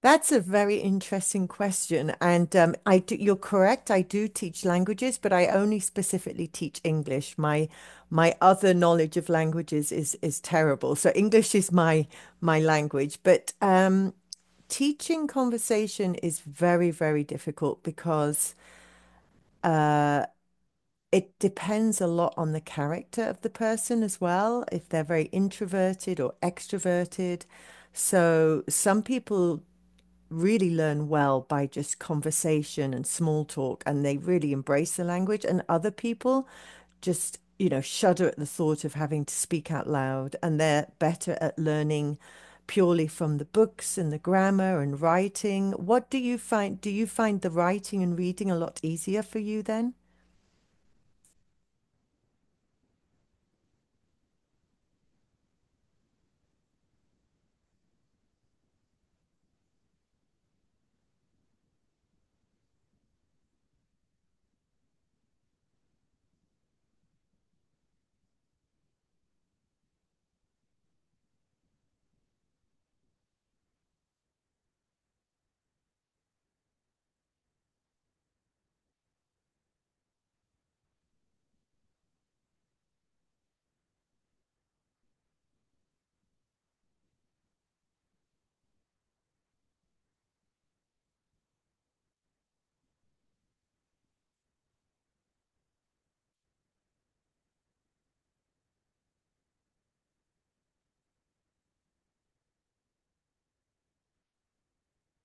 That's a very interesting question. And I do, you're correct. I do teach languages, but I only specifically teach English. My other knowledge of languages is terrible. So English is my language. But teaching conversation is very, very difficult because it depends a lot on the character of the person as well, if they're very introverted or extroverted. So some people really learn well by just conversation and small talk, and they really embrace the language. And other people just, you know, shudder at the thought of having to speak out loud, and they're better at learning purely from the books and the grammar and writing. What do you find? Do you find the writing and reading a lot easier for you then?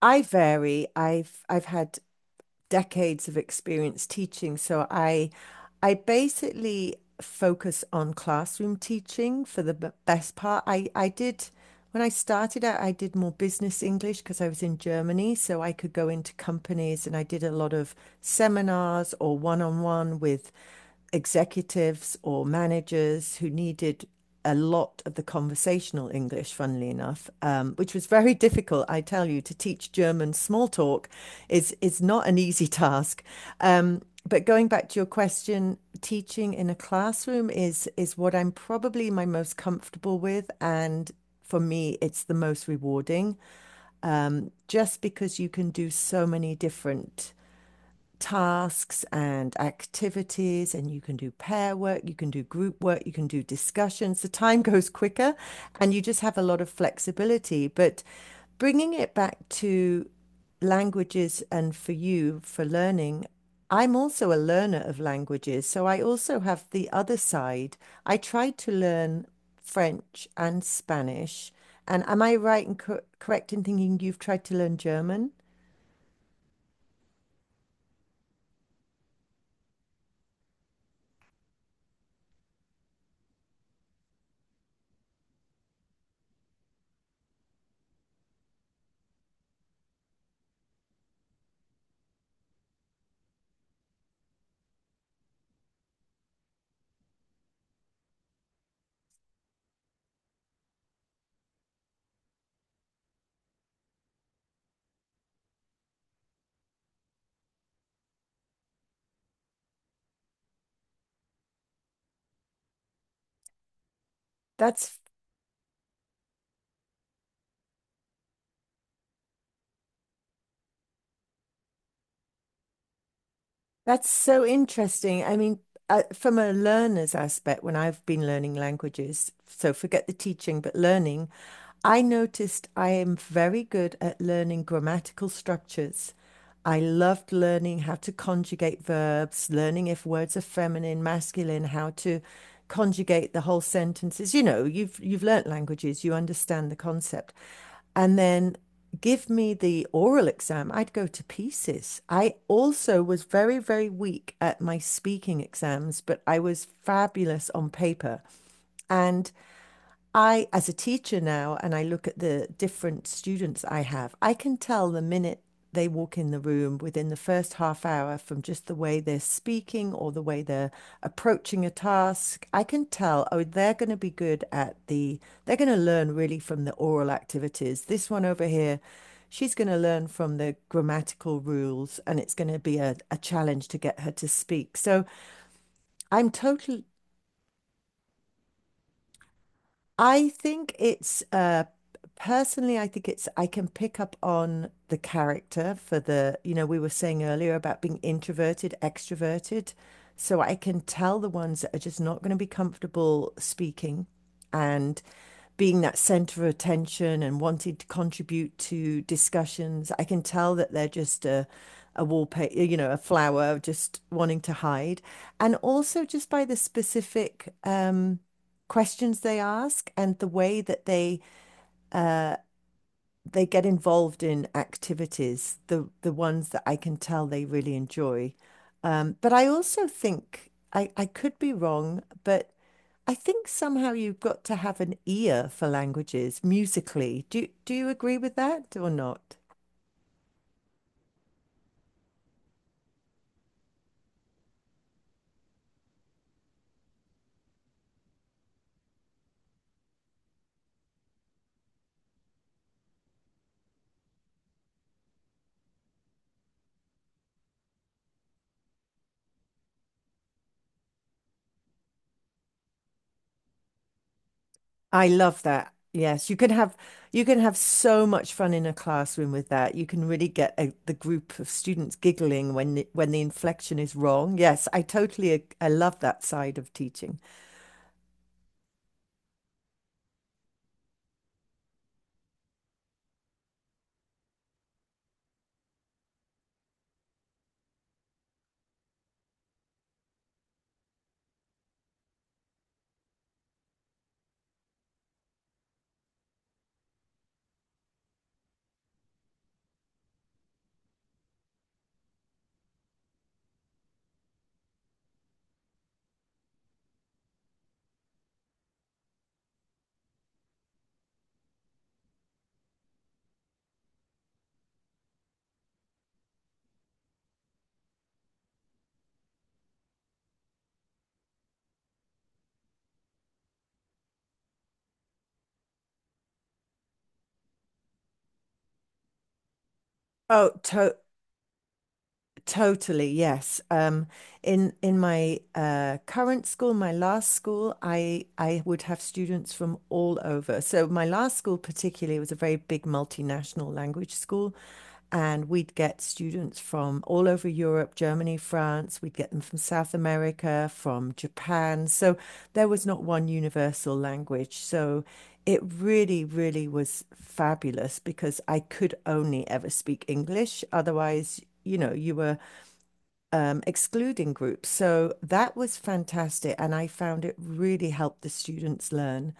I vary. I've had decades of experience teaching. So I basically focus on classroom teaching for the best part. I did when I started out, I did more business English because I was in Germany, so I could go into companies and I did a lot of seminars or one-on-one with executives or managers who needed a lot of the conversational English, funnily enough, which was very difficult. I tell you, to teach German small talk is not an easy task. Um, but going back to your question, teaching in a classroom is what I'm probably my most comfortable with, and for me, it's the most rewarding. Just because you can do so many different tasks and activities, and you can do pair work, you can do group work, you can do discussions. The time goes quicker, and you just have a lot of flexibility. But bringing it back to languages and for you for learning, I'm also a learner of languages, so I also have the other side. I tried to learn French and Spanish. And am I right and correct in thinking you've tried to learn German? That's That's so interesting. I mean, from a learner's aspect, when I've been learning languages, so forget the teaching, but learning, I noticed I am very good at learning grammatical structures. I loved learning how to conjugate verbs, learning if words are feminine, masculine, how to conjugate the whole sentences. You know, you've learnt languages, you understand the concept. And then give me the oral exam, I'd go to pieces. I also was very, very weak at my speaking exams, but I was fabulous on paper. And I, as a teacher now, and I look at the different students I have, I can tell the minute they walk in the room within the first half hour from just the way they're speaking or the way they're approaching a task. I can tell, oh, they're going to be good at the, they're going to learn really from the oral activities. This one over here, she's going to learn from the grammatical rules, and it's going to be a challenge to get her to speak. So I'm totally I think it's personally I think it's I can pick up on the character for the you know we were saying earlier about being introverted, extroverted. So I can tell the ones that are just not going to be comfortable speaking and being that center of attention and wanting to contribute to discussions. I can tell that they're just a wallpaper, you know, a flower, just wanting to hide, and also just by the specific questions they ask and the way that uh, they get involved in activities, the ones that I can tell they really enjoy. But I also think I could be wrong, but I think somehow you've got to have an ear for languages musically. Do do you agree with that or not? I love that. Yes, you can have so much fun in a classroom with that. You can really get a, the group of students giggling when the inflection is wrong. Yes, I totally I love that side of teaching. Oh, to Totally, yes. In my current school, my last school, I would have students from all over. So my last school particularly was a very big multinational language school, and we'd get students from all over Europe, Germany, France. We'd get them from South America, from Japan. So there was not one universal language. So it really, really was fabulous because I could only ever speak English. Otherwise, you know, you were excluding groups. So that was fantastic. And I found it really helped the students learn.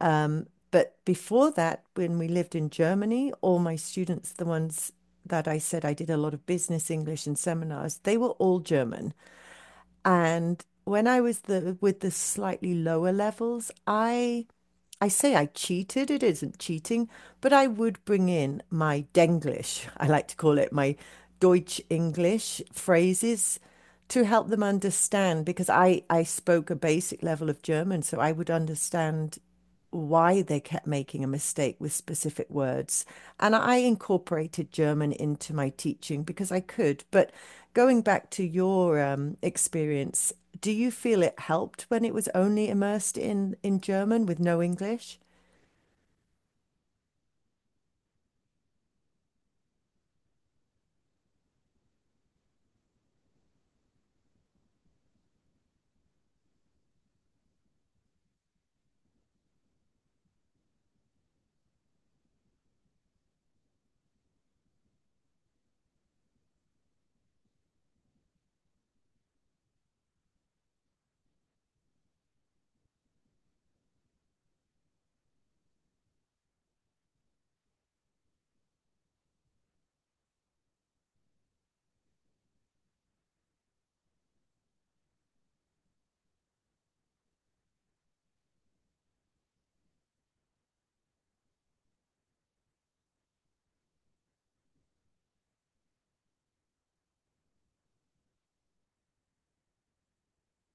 But before that, when we lived in Germany, all my students, the ones that I said I did a lot of business English and seminars, they were all German. And when I was the with the slightly lower levels, I say I cheated, it isn't cheating, but I would bring in my Denglish, I like to call it my Deutsch English phrases to help them understand because I spoke a basic level of German, so I would understand why they kept making a mistake with specific words. And I incorporated German into my teaching because I could. But going back to your experience, do you feel it helped when it was only immersed in German with no English?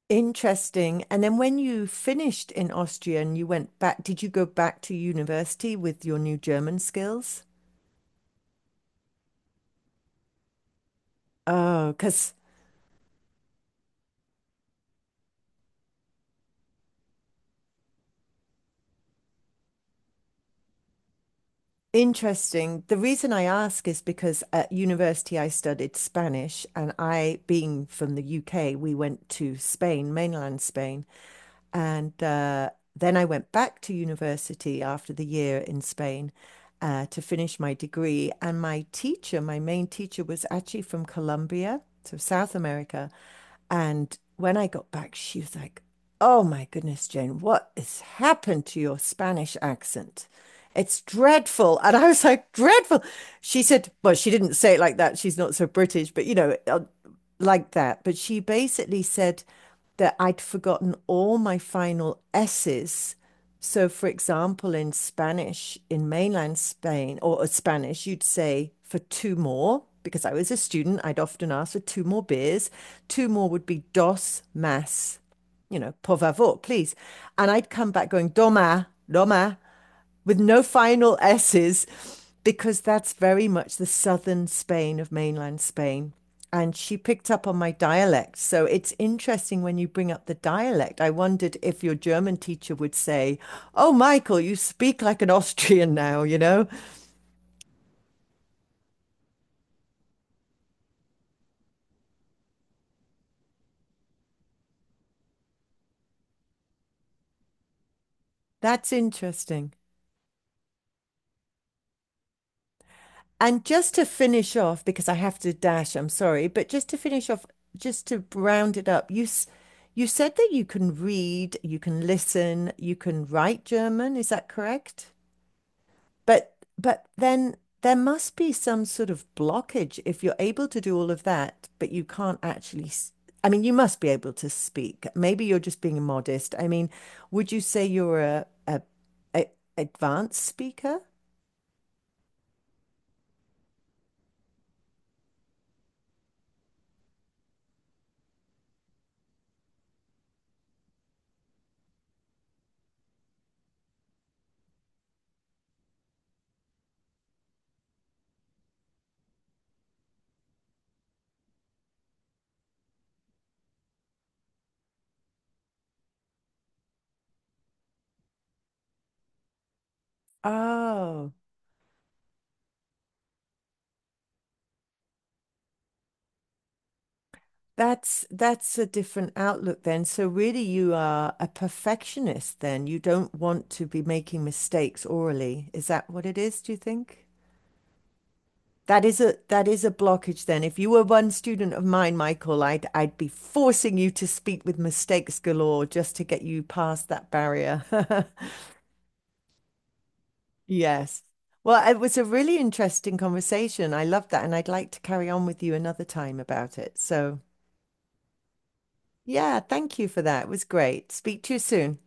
Interesting. And then when you finished in Austria and you went back, did you go back to university with your new German skills? Oh, because Interesting. The reason I ask is because at university I studied Spanish, and I, being from the UK, we went to Spain, mainland Spain. And then I went back to university after the year in Spain to finish my degree. And my teacher, my main teacher, was actually from Colombia, so South America. And when I got back, she was like, Oh my goodness, Jane, what has happened to your Spanish accent? It's dreadful. And I was like, Dreadful. She said, Well, she didn't say it like that. She's not so British, but you know, like that. But she basically said that I'd forgotten all my final S's. So, for example, in Spanish, in mainland Spain or Spanish, you'd say for two more, because I was a student, I'd often ask for two more beers. Two more would be dos más, you know, por favor, please. And I'd come back going, doma, doma with no final S's, because that's very much the southern Spain of mainland Spain. And she picked up on my dialect. So it's interesting when you bring up the dialect. I wondered if your German teacher would say, Oh, Michael, you speak like an Austrian now, you know? That's interesting. And just to finish off, because I have to dash, I'm sorry, but just to finish off, just to round it up, you said that you can read, you can listen, you can write German. Is that correct? But then there must be some sort of blockage if you're able to do all of that, but you can't actually. I mean, you must be able to speak. Maybe you're just being modest. I mean, would you say you're a advanced speaker? Oh, that's a different outlook then. So really, you are a perfectionist then. You don't want to be making mistakes orally. Is that what it is, do you think? That is a blockage then. If you were one student of mine, Michael, I'd be forcing you to speak with mistakes galore just to get you past that barrier. Yes. Well, it was a really interesting conversation. I loved that, and I'd like to carry on with you another time about it. So, yeah, thank you for that. It was great. Speak to you soon.